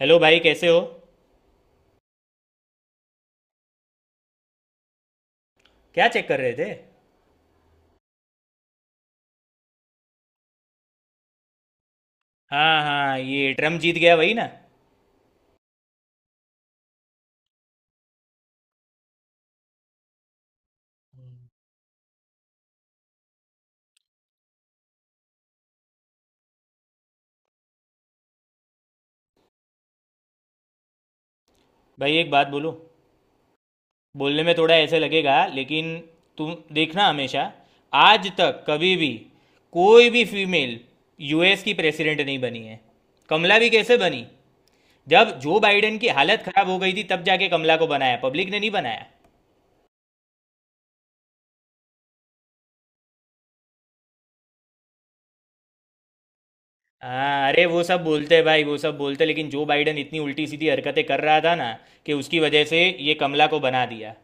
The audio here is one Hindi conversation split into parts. हेलो भाई कैसे हो? क्या चेक कर रहे थे? हाँ हाँ, ये ट्रम्प जीत गया वही ना। भाई एक बात बोलो। बोलने में थोड़ा ऐसे लगेगा लेकिन तुम देखना, हमेशा आज तक कभी भी कोई भी फीमेल यूएस की प्रेसिडेंट नहीं बनी है। कमला भी कैसे बनी? जब जो बाइडेन की हालत खराब हो गई थी तब जाके कमला को बनाया, पब्लिक ने नहीं बनाया। हाँ अरे वो सब बोलते हैं भाई, वो सब बोलते हैं, लेकिन जो बाइडेन इतनी उल्टी सीधी हरकतें कर रहा था ना कि उसकी वजह से ये कमला को बना दिया।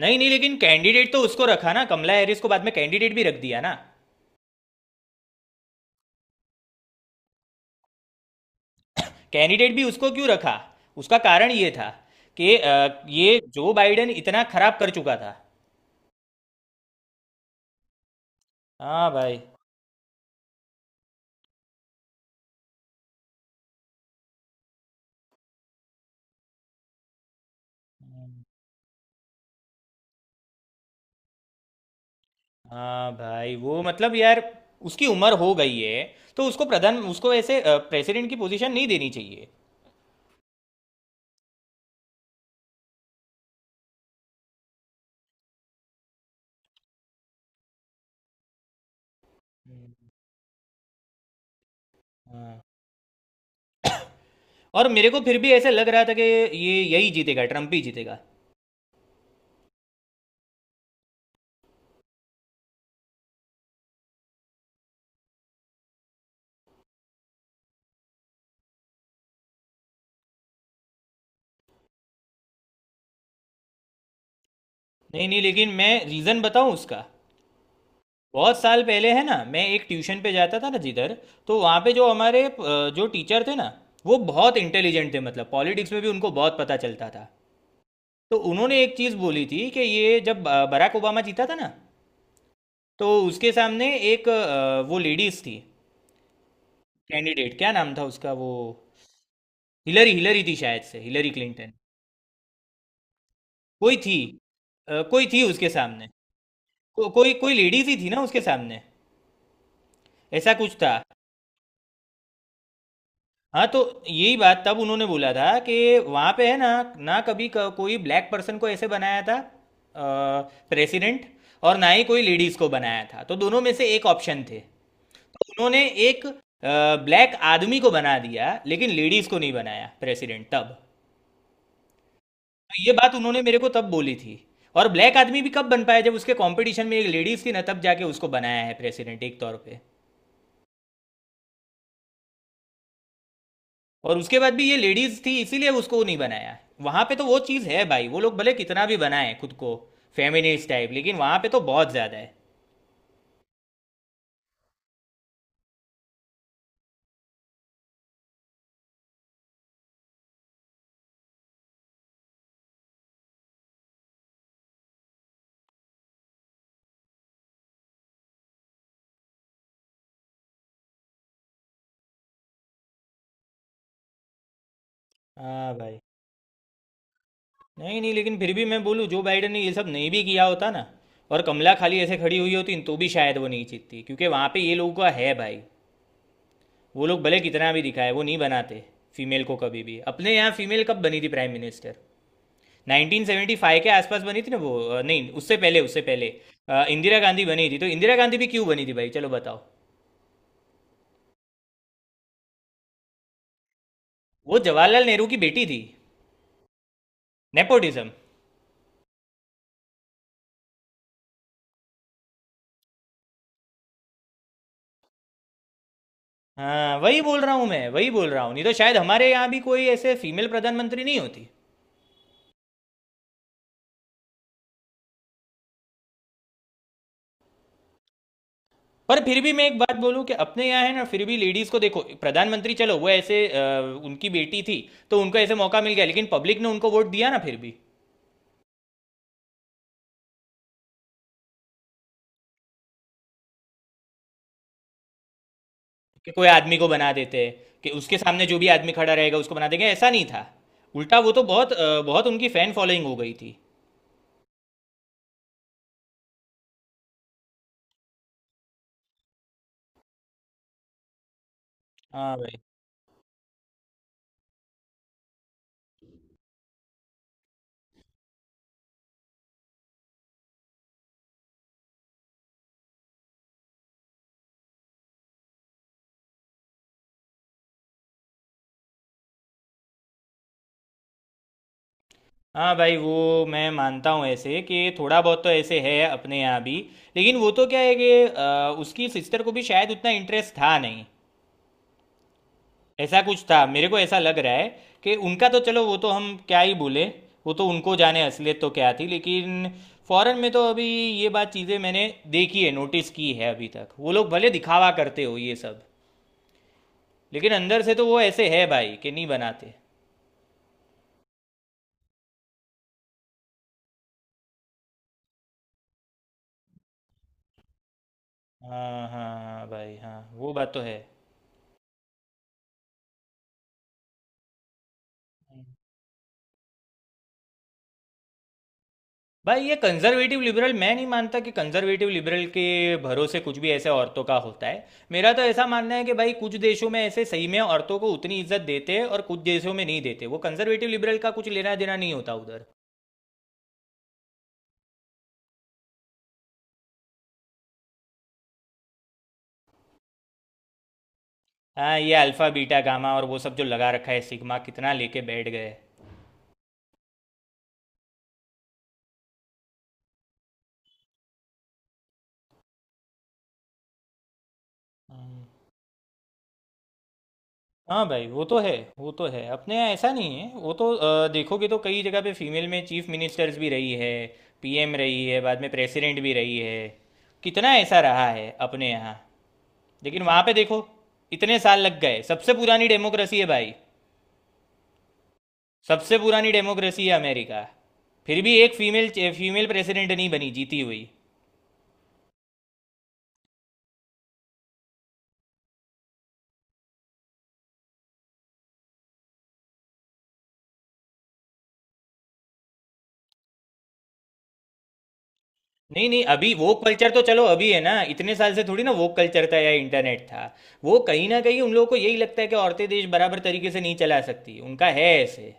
नहीं नहीं, लेकिन कैंडिडेट तो उसको रखा ना, कमला हैरिस को बाद में कैंडिडेट भी रख दिया ना। कैंडिडेट भी उसको क्यों रखा? उसका कारण ये था कि ये जो बाइडेन इतना खराब कर चुका था। हाँ भाई। हाँ भाई वो मतलब यार, उसकी उम्र हो गई है तो उसको प्रधान, उसको ऐसे प्रेसिडेंट की पोजीशन नहीं देनी चाहिए। हाँ। और मेरे को फिर भी ऐसा लग रहा था कि ये यही जीतेगा, ट्रम्प ही जीतेगा। नहीं नहीं, लेकिन मैं रीज़न बताऊं उसका। बहुत साल पहले है ना, मैं एक ट्यूशन पे जाता था ना जिधर, तो वहाँ पे जो हमारे जो टीचर थे ना, वो बहुत इंटेलिजेंट थे, मतलब पॉलिटिक्स में भी उनको बहुत पता चलता था। तो उन्होंने एक चीज़ बोली थी कि ये जब बराक ओबामा जीता था ना, तो उसके सामने एक वो लेडीज थी। कैंडिडेट, क्या नाम था उसका वो? हिलरी, हिलरी थी शायद से, हिलरी क्लिंटन। कोई थी। कोई थी उसके सामने। कोई कोई लेडीज ही थी ना उसके सामने, ऐसा कुछ था। हाँ तो यही बात तब उन्होंने बोला था कि वहाँ पे है ना, ना कभी कोई ब्लैक पर्सन को ऐसे बनाया था प्रेसिडेंट, और ना ही कोई लेडीज को बनाया था, तो दोनों में से एक ऑप्शन थे। तो उन्होंने एक ब्लैक आदमी को बना दिया, लेकिन लेडीज को नहीं बनाया प्रेसिडेंट तब। तो ये बात उन्होंने मेरे को तब बोली थी। और ब्लैक आदमी भी कब बन पाया, जब उसके कंपटीशन में एक लेडीज थी ना, तब जाके उसको बनाया है प्रेसिडेंट एक तौर पे। और उसके बाद भी ये लेडीज थी, इसीलिए उसको नहीं बनाया वहां पे, तो वो चीज है भाई, वो लोग भले कितना भी बनाए खुद को फेमिनिस्ट टाइप, लेकिन वहां पे तो बहुत ज्यादा है। हाँ भाई। नहीं नहीं, लेकिन फिर भी मैं बोलूँ, जो बाइडन ने ये सब नहीं भी किया होता ना, और कमला खाली ऐसे खड़ी हुई होती, तो भी शायद वो नहीं जीतती, क्योंकि वहां पे ये लोगों का है भाई। वो लोग भले कितना भी दिखाए, वो नहीं बनाते फीमेल को कभी भी। अपने यहाँ फीमेल कब बनी थी प्राइम मिनिस्टर? 1975 के आसपास बनी थी ना वो, नहीं उससे पहले, उससे पहले इंदिरा गांधी बनी थी। तो इंदिरा गांधी भी क्यों बनी थी भाई, चलो बताओ। वो जवाहरलाल नेहरू की बेटी थी। नेपोटिज्म। हाँ वही बोल रहा हूँ मैं, वही बोल रहा हूँ, नहीं तो शायद हमारे यहाँ भी कोई ऐसे फीमेल प्रधानमंत्री नहीं होती। पर फिर भी मैं एक बात बोलूँ कि अपने यहाँ है ना, फिर भी लेडीज़ को देखो प्रधानमंत्री, चलो वो ऐसे उनकी बेटी थी तो उनको ऐसे मौका मिल गया, लेकिन पब्लिक ने उनको वोट दिया ना फिर भी। कि कोई आदमी को बना देते, कि उसके सामने जो भी आदमी खड़ा रहेगा उसको बना देंगे, ऐसा नहीं था। उल्टा वो तो बहुत बहुत उनकी फैन फॉलोइंग हो गई थी। हाँ भाई। हाँ भाई, वो मैं मानता हूँ ऐसे कि थोड़ा बहुत तो ऐसे है अपने यहाँ भी। लेकिन वो तो क्या है कि उसकी सिस्टर को भी शायद उतना इंटरेस्ट था नहीं, ऐसा कुछ था, मेरे को ऐसा लग रहा है। कि उनका तो चलो वो तो हम क्या ही बोले, वो तो उनको जाने असलियत तो क्या थी, लेकिन फॉरेन में तो अभी ये बात, चीज़ें मैंने देखी है, नोटिस की है अभी तक, वो लोग भले दिखावा करते हो ये सब, लेकिन अंदर से तो वो ऐसे है भाई कि नहीं बनाते। हाँ, हाँ हाँ भाई हाँ, वो बात तो है। भाई ये कंजर्वेटिव लिबरल, मैं नहीं मानता कि कंजर्वेटिव लिबरल के भरोसे कुछ भी ऐसे औरतों का होता है। मेरा तो ऐसा मानना है कि भाई, कुछ देशों में ऐसे सही में औरतों को उतनी इज्जत देते हैं और कुछ देशों में नहीं देते, वो कंजर्वेटिव लिबरल का कुछ लेना देना नहीं होता उधर। हाँ ये अल्फा बीटा गामा और वो सब जो लगा रखा है सिग्मा, कितना लेके बैठ गए। हाँ भाई वो तो है। वो तो है, अपने यहाँ ऐसा नहीं है, वो तो देखोगे तो कई जगह पे फीमेल में चीफ मिनिस्टर्स भी रही है। पीएम रही है, बाद में प्रेसिडेंट भी रही है। कितना ऐसा रहा है अपने यहाँ। लेकिन वहां पे देखो, इतने साल लग गए, सबसे पुरानी डेमोक्रेसी है भाई। सबसे पुरानी डेमोक्रेसी है अमेरिका। फिर भी एक फीमेल, प्रेसिडेंट नहीं बनी जीती हुई। नहीं नहीं, अभी वो कल्चर तो चलो अभी है ना, इतने साल से थोड़ी ना वो कल्चर था या इंटरनेट था। वो कहीं ना कहीं उन लोगों को यही लगता है कि औरतें देश बराबर तरीके से नहीं चला सकती, उनका है ऐसे।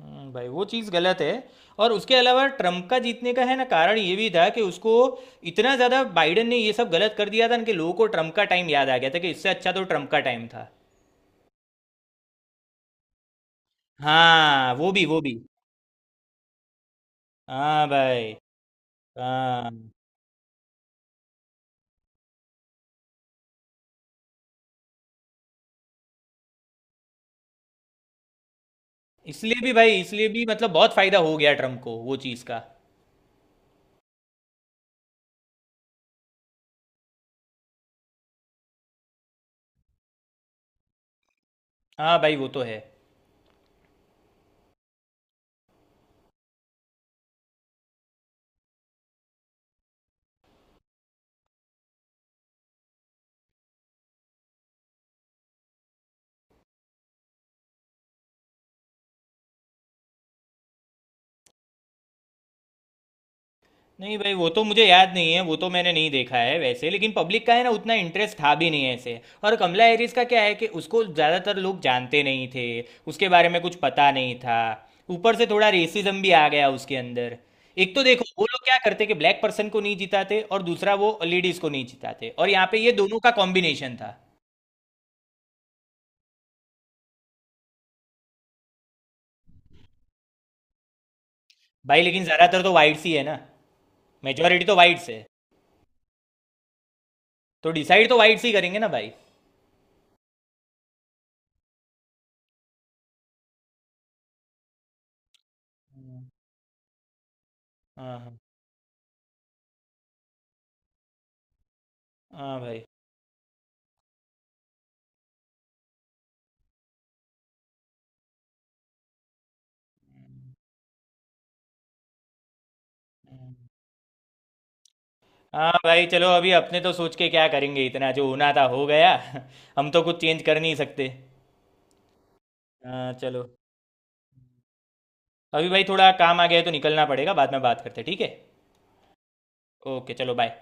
भाई वो चीज़ गलत है। और उसके अलावा ट्रम्प का जीतने का है ना कारण ये भी था कि उसको इतना ज़्यादा बाइडेन ने ये सब गलत कर दिया था ना, कि लोगों को ट्रम्प का टाइम याद आ गया था कि इससे अच्छा तो ट्रम्प का टाइम था। हाँ वो भी, वो भी। हाँ भाई हाँ। इसलिए भी भाई, इसलिए भी, मतलब बहुत फायदा हो गया ट्रम्प को वो चीज़ का। हाँ भाई वो तो है। नहीं भाई, वो तो मुझे याद नहीं है, वो तो मैंने नहीं देखा है वैसे, लेकिन पब्लिक का है ना उतना इंटरेस्ट था भी नहीं ऐसे, और कमला हैरिस का क्या है कि उसको ज़्यादातर लोग जानते नहीं थे। उसके बारे में कुछ पता नहीं था। ऊपर से थोड़ा रेसिज्म भी आ गया उसके अंदर। एक तो देखो, वो लोग क्या करते कि ब्लैक पर्सन को नहीं जिताते, और दूसरा वो लेडीज को नहीं जिताते, और यहाँ पे ये दोनों का कॉम्बिनेशन था। भाई लेकिन ज़्यादातर तो वाइट्स ही है ना। मेजोरिटी तो वाइट्स है। तो डिसाइड तो वाइट्स ही करेंगे ना भाई। हाँ हाँ। हाँ भाई हाँ भाई चलो, अभी अपने तो सोच के क्या करेंगे, इतना जो होना था हो गया। हम तो कुछ चेंज कर नहीं सकते। हाँ चलो। अभी भाई थोड़ा काम आ गया है तो निकलना पड़ेगा, बाद में बात करते हैं, ठीक है? ओके चलो बाय।